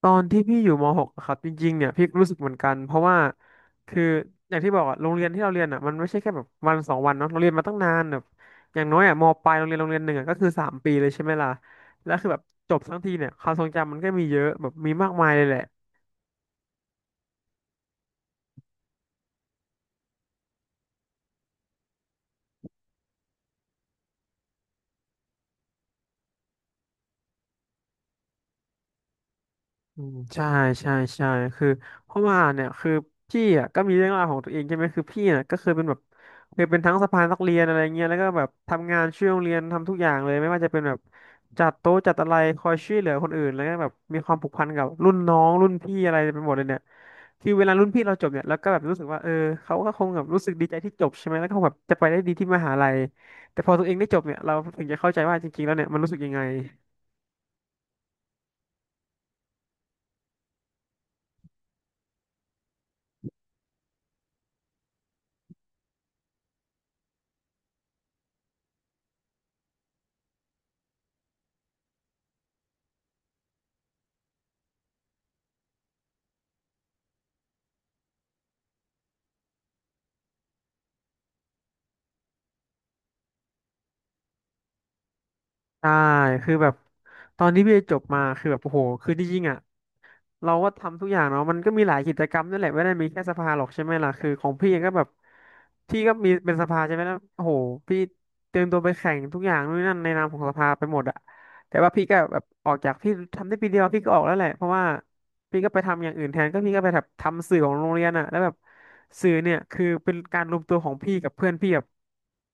ตอนที่พี่อยู่ม .6 อะครับจริงๆเนี่ยพี่รู้สึกเหมือนกันเพราะว่าคืออย่างที่บอกอะโรงเรียนที่เราเรียนอะมันไม่ใช่แค่แบบวันสองวันเนาะเราเรียนมาตั้งนานแบบอย่างน้อยอะมปลายโรงเรียนโรงเรียนหนึ่งอะก็คือสามปีเลยใช่ไหมล่ะแล้วคือแบบจบทั้งทีเนี่ยความทรงจำมันก็มีเยอะแบบมีมากมายเลยแหละ อืมใช่ใช่ใช่คือเพราะว่าเนี่ยคือพี่อ่ะก็มีเรื่องราวของตัวเองใช่ไหมคือพี่อ่ะก็เคยเป็นแบบเคยเป็นทั้งสะพานนักเรียนอะไรเงี้ยแล้วก็แบบทำงานช่วยโรงเรียนทำทุกอย่างเลยไม่ว่าจะเป็นแบบจัดโต๊ะจัดอะไรคอยช่วยเหลือคนอื่นแล้วก็แบบมีความผูกพันกับรุ่นน้องรุ่นพี่อะไรไปหมดเลยเนี่ยคือเวลารุ่นพี่เราจบเนี่ยเราก็แบบรู้สึกว่าเออเขาก็คงแบบรู้สึกดีใจที่จบใช่ไหมแล้วก็คงแบบจะไปได้ดีที่มหาลัยแต่พอตัวเองได้จบเนี่ยเราถึงจะเข้าใจว่าจริงๆแล้วเนี่ยมันรู้สึกยังไง ใช่ คือแบบตอนที่พี่จบมา คือแบบโอ้โหคือจริงๆอ่ะ เราก็ทำทุกอย่างเนาะมันก็มีหลายกิจกรรมนั่นแหละไม่ได้มีแค่สภาหรอกใช่ไหมล่ะคือของพี่เองก็แบบพี่ก็มีเป็นสภาใช่ไหมแล้วโอ้โหพี่เตรียมตัวไปแข่งทุกอย่างนู่นนนั่นในนามของสภาไปหมดอะแต่ว่าพี่ก็แบบออกจากพี่ทำได้ปีเดียวพี่ก็ออกแล้วแหละเพราะว่าพี่ก็ไปทำอย่างอื่นแทนก็พี่ก็ไปแบบทำสื่อของโรงเรียนอะแล้วแบบสื่อเนี่ยคือเป็นการรวมตัวของพี่กับเพื่อนพี่แบบ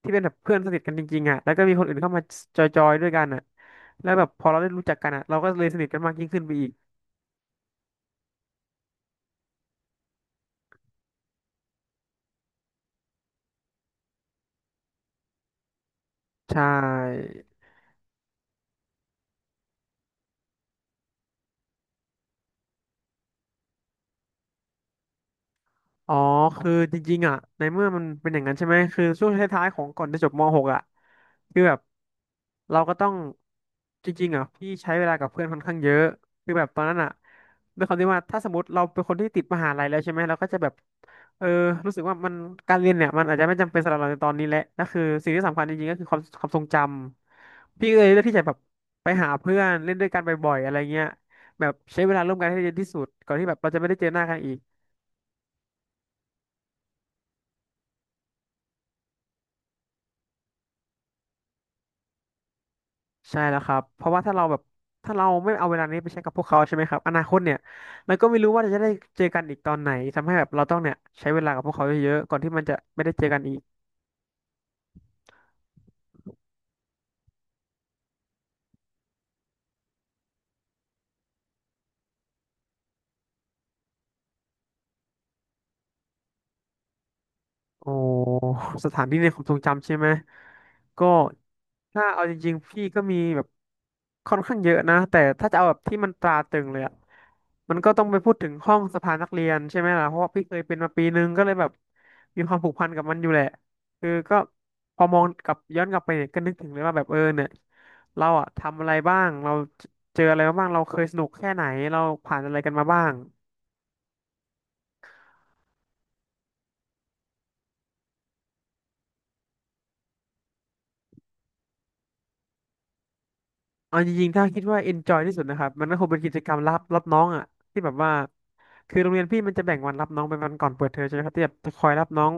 ที่เป็นแบบเพื่อนสนิทกันจริงๆอะแล้วก็มีคนอื่นเข้ามาจอยๆด้วยกันอะแล้วแบบพอเราได้รู้จักกันอะเราก็เลยสนิทกันมากยิ่งขึ้นไปอีก ใช่ อ๋อ คือจริงๆอ่ะ ในเมื่อมันเป็นอย่างนั้นใช่ไหมคือช่วงท้ายๆของก่อนจะจบม .6 อ่ะคือแบบเราก็ต้องจริงๆอ่ะพี่ใช้เวลากับเพื่อนค่อนข้างเยอะคือแบบตอนนั้นอ่ะด้วยความที่ว่าถ้าสมมติเราเป็นคนที่ติดมหาลัยแล้วใช่ไหมเราก็จะแบบเออรู้สึกว่ามันการเรียนเนี่ยมันอาจจะไม่จำเป็นสำหรับเราในตอนนี้แหละนั่นคือสิ่งที่สำคัญจริงๆก็คือความทรงจำพี่ก็เลยเลือกที่จะแบบไปหาเพื่อนเล่นด้วยกันบ่อยๆอะไรเงี้ยแบบใช้เวลาร่วมกันให้เยอะที่สุดก่อนที่แบบเราจะไม่ได้เจอหน้ากันอีก ใช่แล้วครับเพราะว่าถ้าเราไม่เอาเวลานี้ไปใช้กับพวกเขาใช่ไหมครับอนาคตเนี่ยเราก็ไม่รู้ว่าจะได้เจอกันอีกตอนไหนทำให้แบบเราต้องเนี่ยใช้เวลากับพวกเขาเยอะๆก่อนที่มันจะไม่ได้เจอกันอีก โอ้สถานที่ในความทรงจำใช่ไหมก็ถ้าเอาจริงๆพี่ก็มีแบบค่อนข้างเยอะนะแต่ถ้าจะเอาแบบที่มันตราตรึงเลยอะมันก็ต้องไปพูดถึงห้องสภานักเรียนใช่ไหมล่ะเพราะว่าพี่เคยเป็นมาปีนึงก็เลยแบบมีความผูกพันกับมันอยู่แหละคือก็พอมองกลับย้อนกลับไปเนี่ยก็นึกถึงเลยว่าแบบเออเนี่ยเราอะทำอะไรบ้างเราเจออะไรมาบ้างเราเคยสนุกแค่ไหนเราผ่านอะไรกันมาบ้าง เอาจริงๆถ้าคิดว่า enjoy ที่สุดนะครับมันก็คงเป็นกิจกรรมรับน้องอ่ะที่แบบว่าคือโรงเรียนพี่มันจะแบ่งวันรับน้องเป็นวันก่อนเปิดเทอมใช่ไหมครับที่แบบจะคอยรับน้อง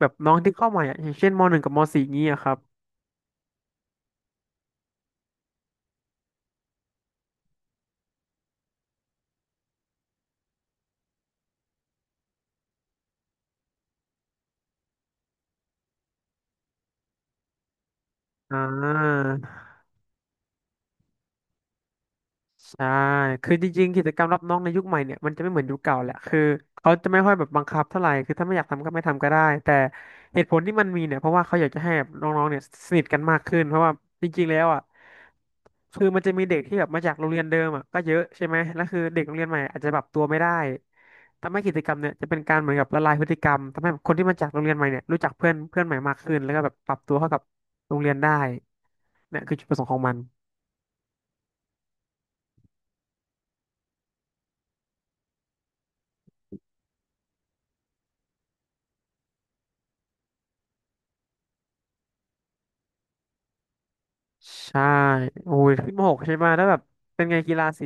แบบน้องที่เข้าใหม่อ่ะอย่างเช่นมหนึ่งกับมสี่อย่างนี้อะครับอ่า ใช่คือจริงๆกิจกรรมรับน้องในยุคใหม่เนี่ยมันจะไม่เหมือนยุคเก่าแหละคือเขาจะไม่ค่อยแบบบังคับเท่าไหร่คือถ้าไม่อยากทำก็ไม่ทำก็ได้แต่เหตุผลที่มันมีเนี่ยเพราะว่าเขาอยากจะให้แบบน้องๆเนี่ยสนิทกันมากขึ้นเพราะว่าจริงๆแล้วอ่ะคือมันจะมีเด็กที่แบบมาจากโรงเรียนเดิมอ่ะก็เยอะใช่ไหมแล้วคือเด็กโรงเรียนใหม่อาจจะปรับตัวไม่ได้ทำให้กิจกรรมเนี่ยจะเป็นการเหมือนกับละลายพฤติกรรมทำให้คนที่มาจากโรงเรียนใหม่เนี่ยรู้จักเพื่อนเพื่อนใหม่มากขึ้นแล้วก็แบบปรับตัวเข้ากับโรงเรียนได้เนี่ยคือจุดประสงค์ของมัน ใช่โอ้ยขึ้นมหกใช่ไหมแล้วแบบเป็นไงกีฬาสี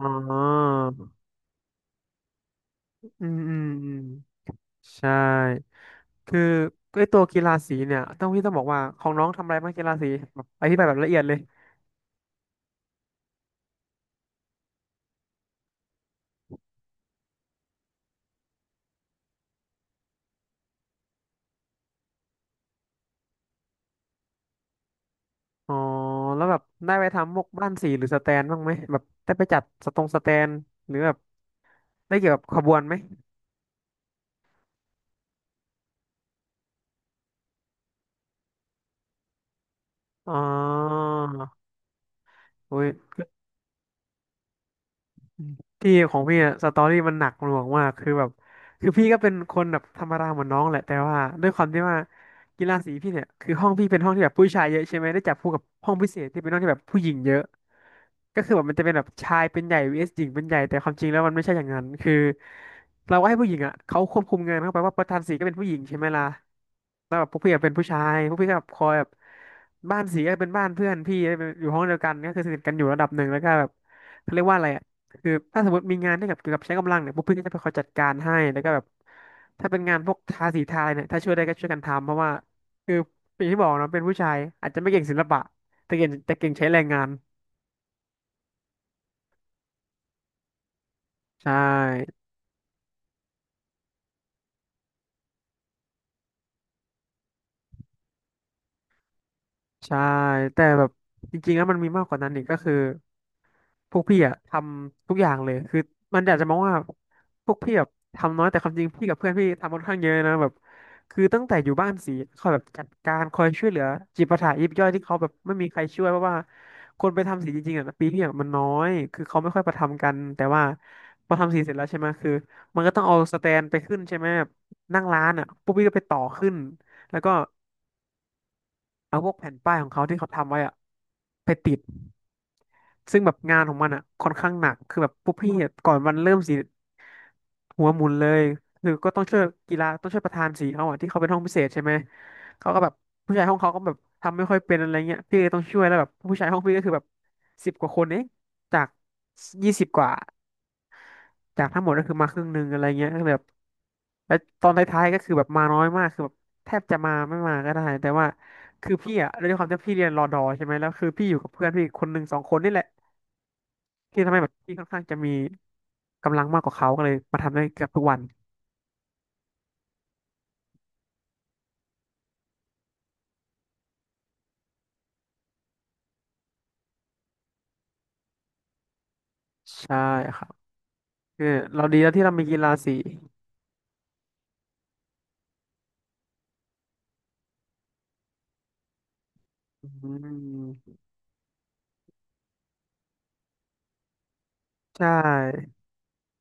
อ๋ออืมอืมอืมใช่ คือไอตัวกีฬาสีเนี่ยต้องพี่ต้องบอกว่าของน้องทำอะไรบ้างกีฬาสีแบบอธิบายแบบละเอียดเลยอ๋อแล้วแบบได้ไปทำพวกบ้านสีหรือสแตนบ้างไหมแบบได้ไปจัดสตรงสแตนหรือแบบได้เกี่ยวกับขบวนไหมอ๋ออุ้ย พี่ของพี่อะสตอรี่มันหนักหน่วงมากคือแบบคือพี่ก็เป็นคนแบบธรรมดาเหมือนน้องแหละแต่ว่าด้วยความที่ว่ากีฬาสีพี่เนี่ยคือห้องพี่เป็นห้องที่แบบผู้ชายเยอะใช่ไหมได้จับคู่กับห้องพิเศษที่เป็นห้องที่แบบผู้หญิงเยอะ ก็คือแบบมันจะเป็นแบบชายเป็นใหญ่ vs หญิงเป็นใหญ่แต่ความจริงแล้วมันไม่ใช่อย่างนั้นคือเราก็ให้ผู้หญิงอ่ะเขาควบคุมงานเข้าไปว่าประธานสีก็เป็นผู้หญิงใช่ไหมล่ะแล้วแบบพวกพี่อะเป็นผู้ชายพวกพี่ก็แบบคอยแบบบ้านสีก็เป็นบ้านเพื่อนพี่อยู่ห้องเดียวกันก็คือสนิทกันอยู่ระดับหนึ่งแล้วก็แบบเขาเรียกว่าอะไรอ่ะคือถ้าสมมติมีงานที่แบบเกี่ยวกับใช้กำลังเนี่ยพวกพี่ก็จะไปคอยจัดการให้แล้วก็แบบถ้าเป็นงานพวกทาสีทาอะไรเนี่ยถ้าช่วยได้ก็ช่วยกันทำเพราะว่าคืออย่างที่บอกเนาะเป็นผู้ชายอาจจะไม่เก่งศิลปะแต่เก่งใช้แรงงาน ใช่ใช่แต่แบบจริงๆแล้วมันมีมากกว่านั้นอีกก็คือพวกพี่อะทำทุกอย่างเลยคือมันอยากจะมองว่าพวกพี่แบบทำน้อยแต่ความจริงพี่กับเพื่อนพี่ทำค่อนข้างเยอะนะแบบคือตั้งแต่อยู่บ้านสีคอยแบบจัดการคอยช่วยเหลือจิปาถะยิบย่อยที่เขาแบบไม่มีใครช่วยเพราะว่าคนไปทำสีจริงๆอะปีพี่อะมันน้อยคือเขาไม่ค่อยประทำกันแต่ว่าพอทำสีเสร็จแล้วใช่ไหมคือมันก็ต้องเอาสแตนไปขึ้นใช่ไหมนั่งร้านอะพวกพี่ก็ไปต่อขึ้นแล้วก็เอาพวกแผ่นป้ายของเขาที่เขาทำไว้อะ ไปติด ซึ่งแบบงานของมันอ่ะค่อนข้างหนักคือแบบพวกพี่อะก่อนวันเริ่มสิหัวหมุนเลยคือก็ต้องช่วยกีฬาต้องช่วยประธานสีเขาอ่ะที่เขาเป็นห้องพิเศษใช่ไหมเขาก็แบบผู้ชายห้องเขาก็แบบทำไม่ค่อยเป็นอะไรเงี้ยพี่เลยต้องช่วยแล้วแบบผู้ชายห้องพี่ก็คือแบบสิบกว่าคนเองจากยี่สิบกว่าจากทั้งหมดก็คือมาครึ่งหนึ่งอะไรเงี้ยก็เลยแบบแล้วตอนท้ายๆก็คือแบบมาน้อยมากคือแบบแทบจะมาไม่มาก็ได้แต่ว่าคือพี่อ่ะด้วยความที่พี่เรียนรอดอใช่ไหมแล้วคือพี่อยู่กับเพื่อนพี่ีคนหนึ่งสองคนนี่แหละ ที่ทำให้แบบพี่ค่อนข้างจะมีกำลังมากกว่าเขาก็เลยมาทำได้เกือบทุกวันใช่ครับคือเราดีแล้วที่เรามีกีฬาสีอืมใช่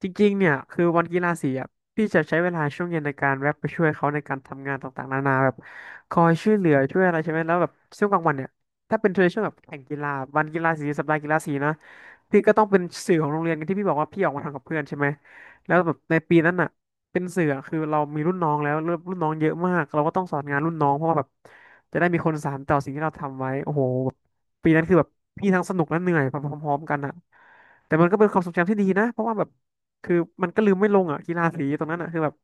จริงๆเนี่ยคือวันกีฬาสีอ่ะพี่จะใช้เวลาช่วงเย็นในการแวะไปช่วยเขาในการทำงานต่างๆนานาแบบคอยช่วยเหลือช่วยอะไรใช่ไหม แล้วแบบช่วงกลางวันเนี่ย ถ้าเป็นช่วงแบบแข่งกีฬาวันกีฬาสีสัปดาห์กีฬาสีนะพี่ก็ต้องเป็นสื่อของโรงเรียนที่พี่บอกว่าพี่ออกมาทำกับเพื่อนใช่ไหม แล้วแบบในปีนั้นอ่ะเป็นสื่ออะคือเรามีรุ่นน้องแล้วรุ่นน้องเยอะมากเราก็ต้องสอนงานรุ่นน้องเพราะว่าแบบจะได้มีคนสานต่อสิ่งที่เราทำไว้โอ้โหแบบปีนั้นคือแบบพี่ทั้งสนุกและเหนื่อยพร้อมๆกันอ่ะแต่มันก็เป็นความทรงจำที่ดีนะเพราะว่าแบบ คือมันก็ลืมไม่ลงอ่ะกีฬาสีตรงนั้นอ่ะคือแบบ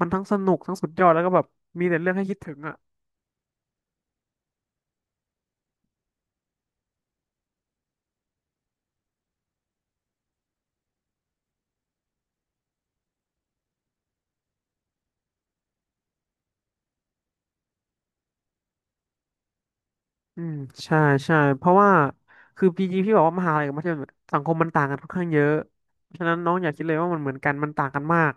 มันทั้งสนุกทั้งสุดยอดแล้วก็แบบมีแต่เรื่องให้คิดถึงอ่ะอืมใช่ใช่เพราะว่าคือพีจีพี่บอกว่ามหาลัยกับมัธยมสังคมมันต่างกันค่อนข้างเยอะฉะนั้นน้องอย่าคิดเลยว่ามันเหมือนกันมันต่างกันมาก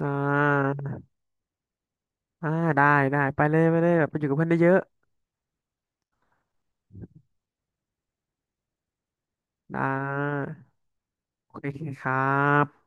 อ่าอ่าได้ได้ไปเลยไปเลยแบบไปอยู่กับเพื่อนได้เยอะๆได้โอเคครับ